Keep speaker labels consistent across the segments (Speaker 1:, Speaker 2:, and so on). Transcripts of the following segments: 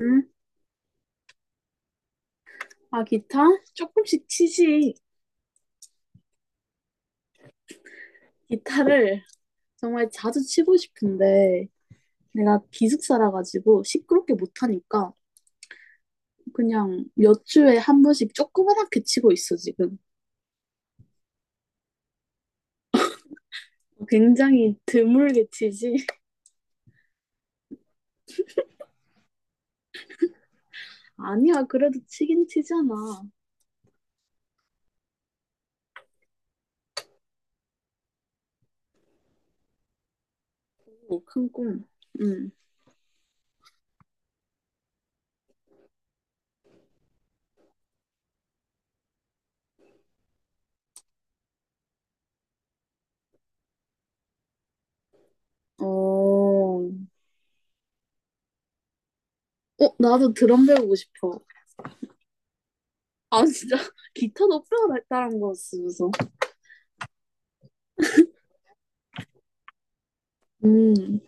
Speaker 1: 음? 아, 기타? 조금씩 치지. 기타를 정말 자주 치고 싶은데, 내가 기숙사라 가지고 시끄럽게 못하니까, 그냥 몇 주에 한 번씩 조그맣게 치고 있어, 지금. 굉장히 드물게 치지. 아니야, 그래도 치긴 치잖아. 오, 큰 꿈. 응. 어, 어, 나도 드럼 배우고 싶어. 아, 진짜. 기타도 배워달라는 거였어, 그래서. 음.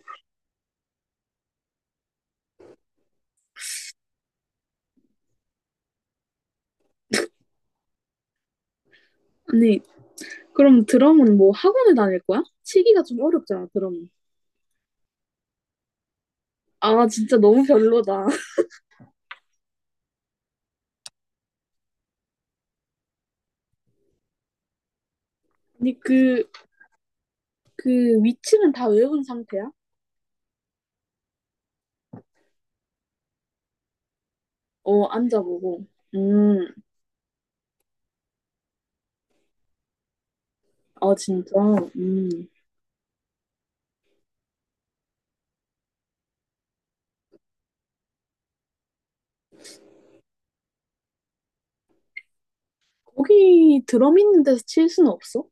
Speaker 1: 아니, 그럼 드럼은 뭐 학원을 다닐 거야? 치기가 좀 어렵잖아, 드럼은. 아, 진짜 너무 별로다. 아니, 그 위치는 다 외운 상태야? 어, 앉아보고. 음, 아, 진짜. 음. 거기 드럼 있는 데서 칠 수는 없어?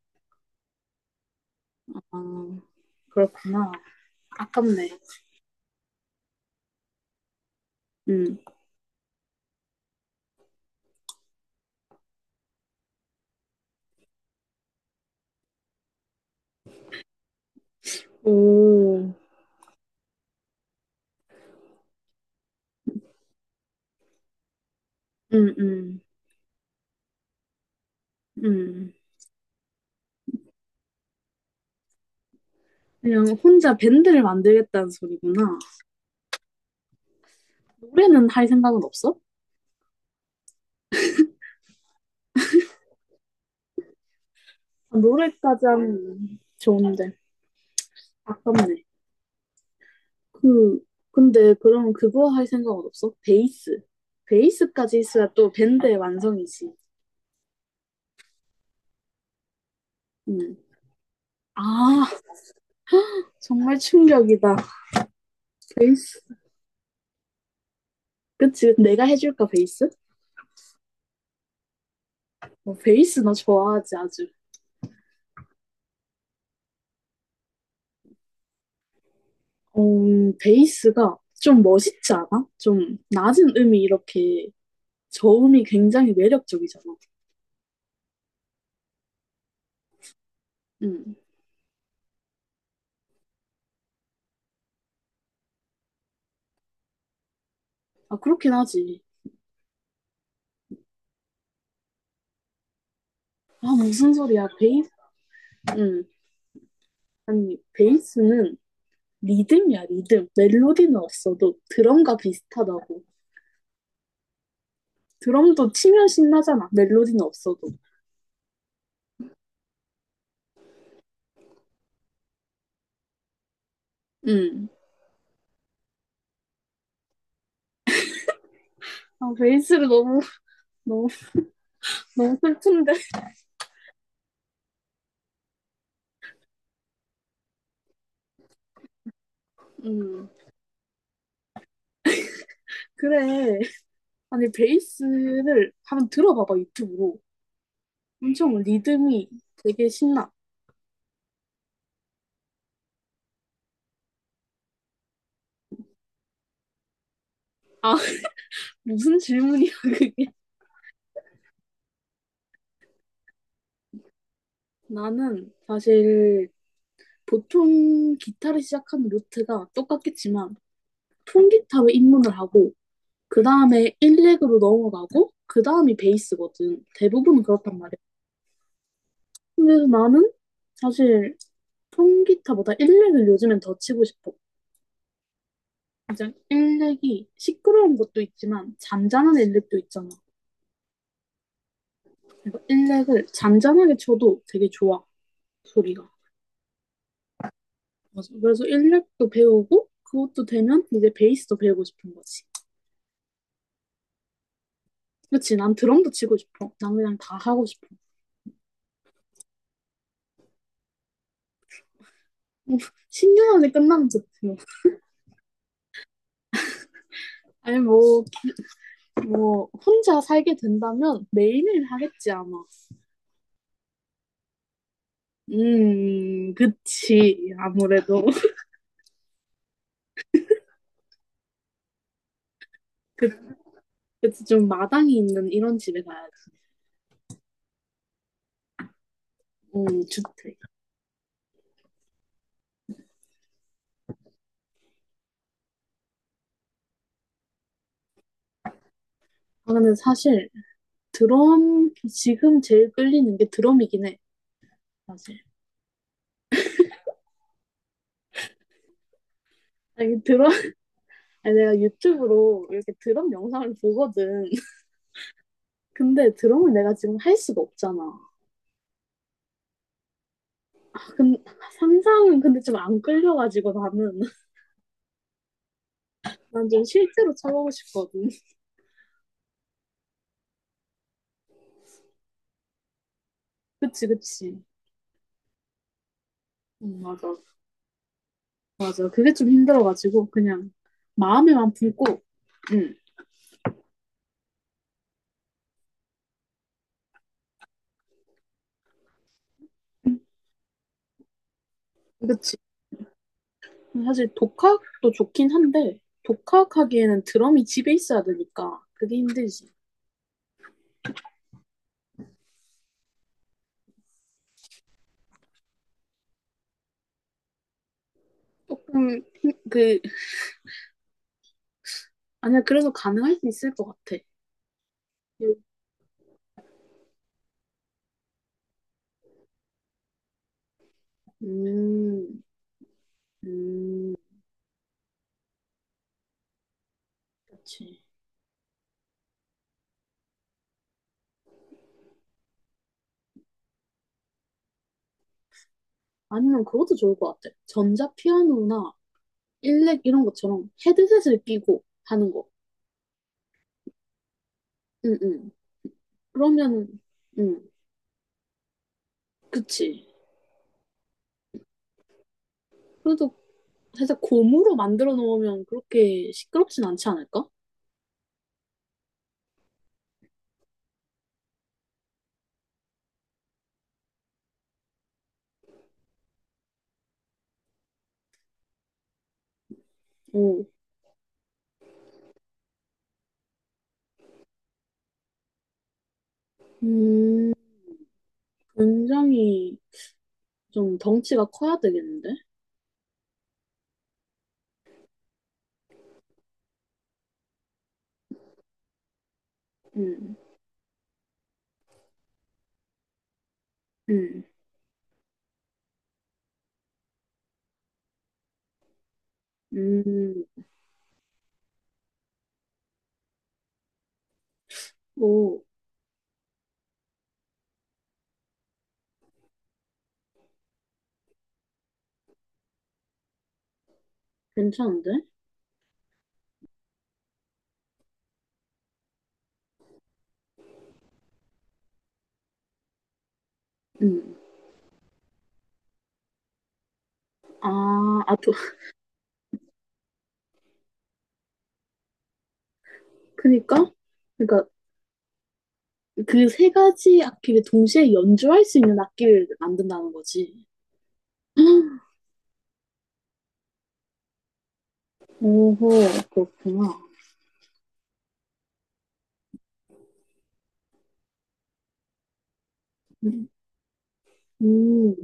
Speaker 1: 아, 그렇구나. 아깝네. 음. 오, 음, 음. 그냥 혼자 밴드를 만들겠다는 소리구나. 노래는 할 생각은 없어? 아, 노래까지 하면 좋은데. 아깝네. 그, 근데 그럼 그거 할 생각은 없어? 베이스. 베이스까지 있어야 또 밴드의 완성이지. 음. 아, 정말 충격이다. 베이스. 그치, 내가 해줄까, 베이스? 어, 베이스 나 좋아하지, 아주. 어, 베이스가 좀 멋있지 않아? 좀 낮은 음이 이렇게 저음이 굉장히 매력적이잖아. 음. 아, 그렇긴 하지. 아, 무슨 소리야, 베이스? 음. 아니, 베이스는 리듬이야, 리듬. 멜로디는 없어도 드럼과 비슷하다고. 드럼도 치면 신나잖아. 멜로디는 없어도. 음. 아, 베이스를 너무, 너무, 너무 슬픈데. 음. 그래. 아니, 베이스를 한번 들어봐봐, 유튜브로. 엄청 리듬이 되게 신나. 아, 무슨 질문이야, 그게. 나는 사실 보통 기타를 시작하는 루트가 똑같겠지만 통기타로 입문을 하고 그 다음에 일렉으로 넘어가고, 그 다음이 베이스거든. 대부분은 그렇단 말이야. 근데 나는 사실 통기타보다 일렉을 요즘엔 더 치고 싶어. 이제 일 렉이 시끄러운 것도 있지만, 잔잔한 일렉도 있잖아. 그래서 일렉을 잔잔하게 쳐도 되게 좋아, 소리가. 맞아. 그래서 일렉도 배우고, 그것도 되면 이제 베이스도 배우고 싶은 거지. 그치, 난 드럼도 치고 싶어. 난 그냥 다 하고 싶어. 신년 안에 끝나면 좋지. 뭐. 아니, 뭐, 혼자 살게 된다면 매일매일 하겠지, 아마. 그치. 아무래도. 그, 그치. 좀 마당이 있는 이런 집에 가야지. 주택. 아, 근데 사실, 드럼, 지금 제일 끌리는 게 드럼이긴 해, 사실. 아니, 드럼, 아니, 내가 유튜브로 이렇게 드럼 영상을 보거든. 근데 드럼을 내가 지금 할 수가 없잖아. 근, 상상은 근데 좀 안 끌려가지고 나는. 난 좀 실제로 쳐보고 싶거든. 그치, 그치. 맞아. 맞아. 그게 좀 힘들어가지고, 그냥, 마음에만 품고, 응. 그치. 사실 독학도 좋긴 한데, 독학하기에는 드럼이 집에 있어야 되니까, 그게 힘들지. 조금, 힘, 그, 아니야, 그래도 가능할 수 있을 것 같아. 음, 음, 그치. 아니면 그것도 좋을 것 같아. 전자 피아노나 일렉 이런 것처럼 헤드셋을 끼고 하는 거. 응, 응. 그러면, 응, 그치. 그래도 살짝 고무로 만들어 놓으면 그렇게 시끄럽진 않지 않을까? 오, 음, 굉장히 좀 덩치가 커야 되겠는데? 음, 음, 음, 오, 괜찮은데? 음, 아, 아, 도, 그니까? 그니까 그 세 가지 악기를 동시에 연주할 수 있는 악기를 만든다는 거지. 오호, 그렇구나. 음, 음,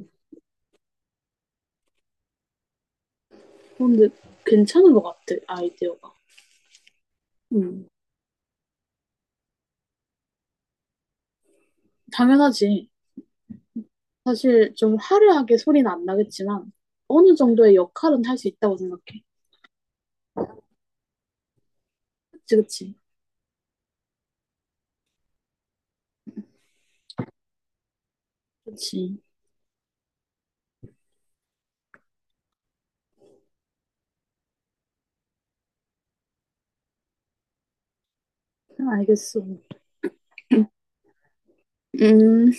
Speaker 1: 근데 괜찮은 것 같아, 아이디어가. 음, 당연하지. 사실 좀 화려하게 소리는 안 나겠지만 어느 정도의 역할은 할 수 있다고 생각해. 그치, 그치, 그치. 알겠어. 음.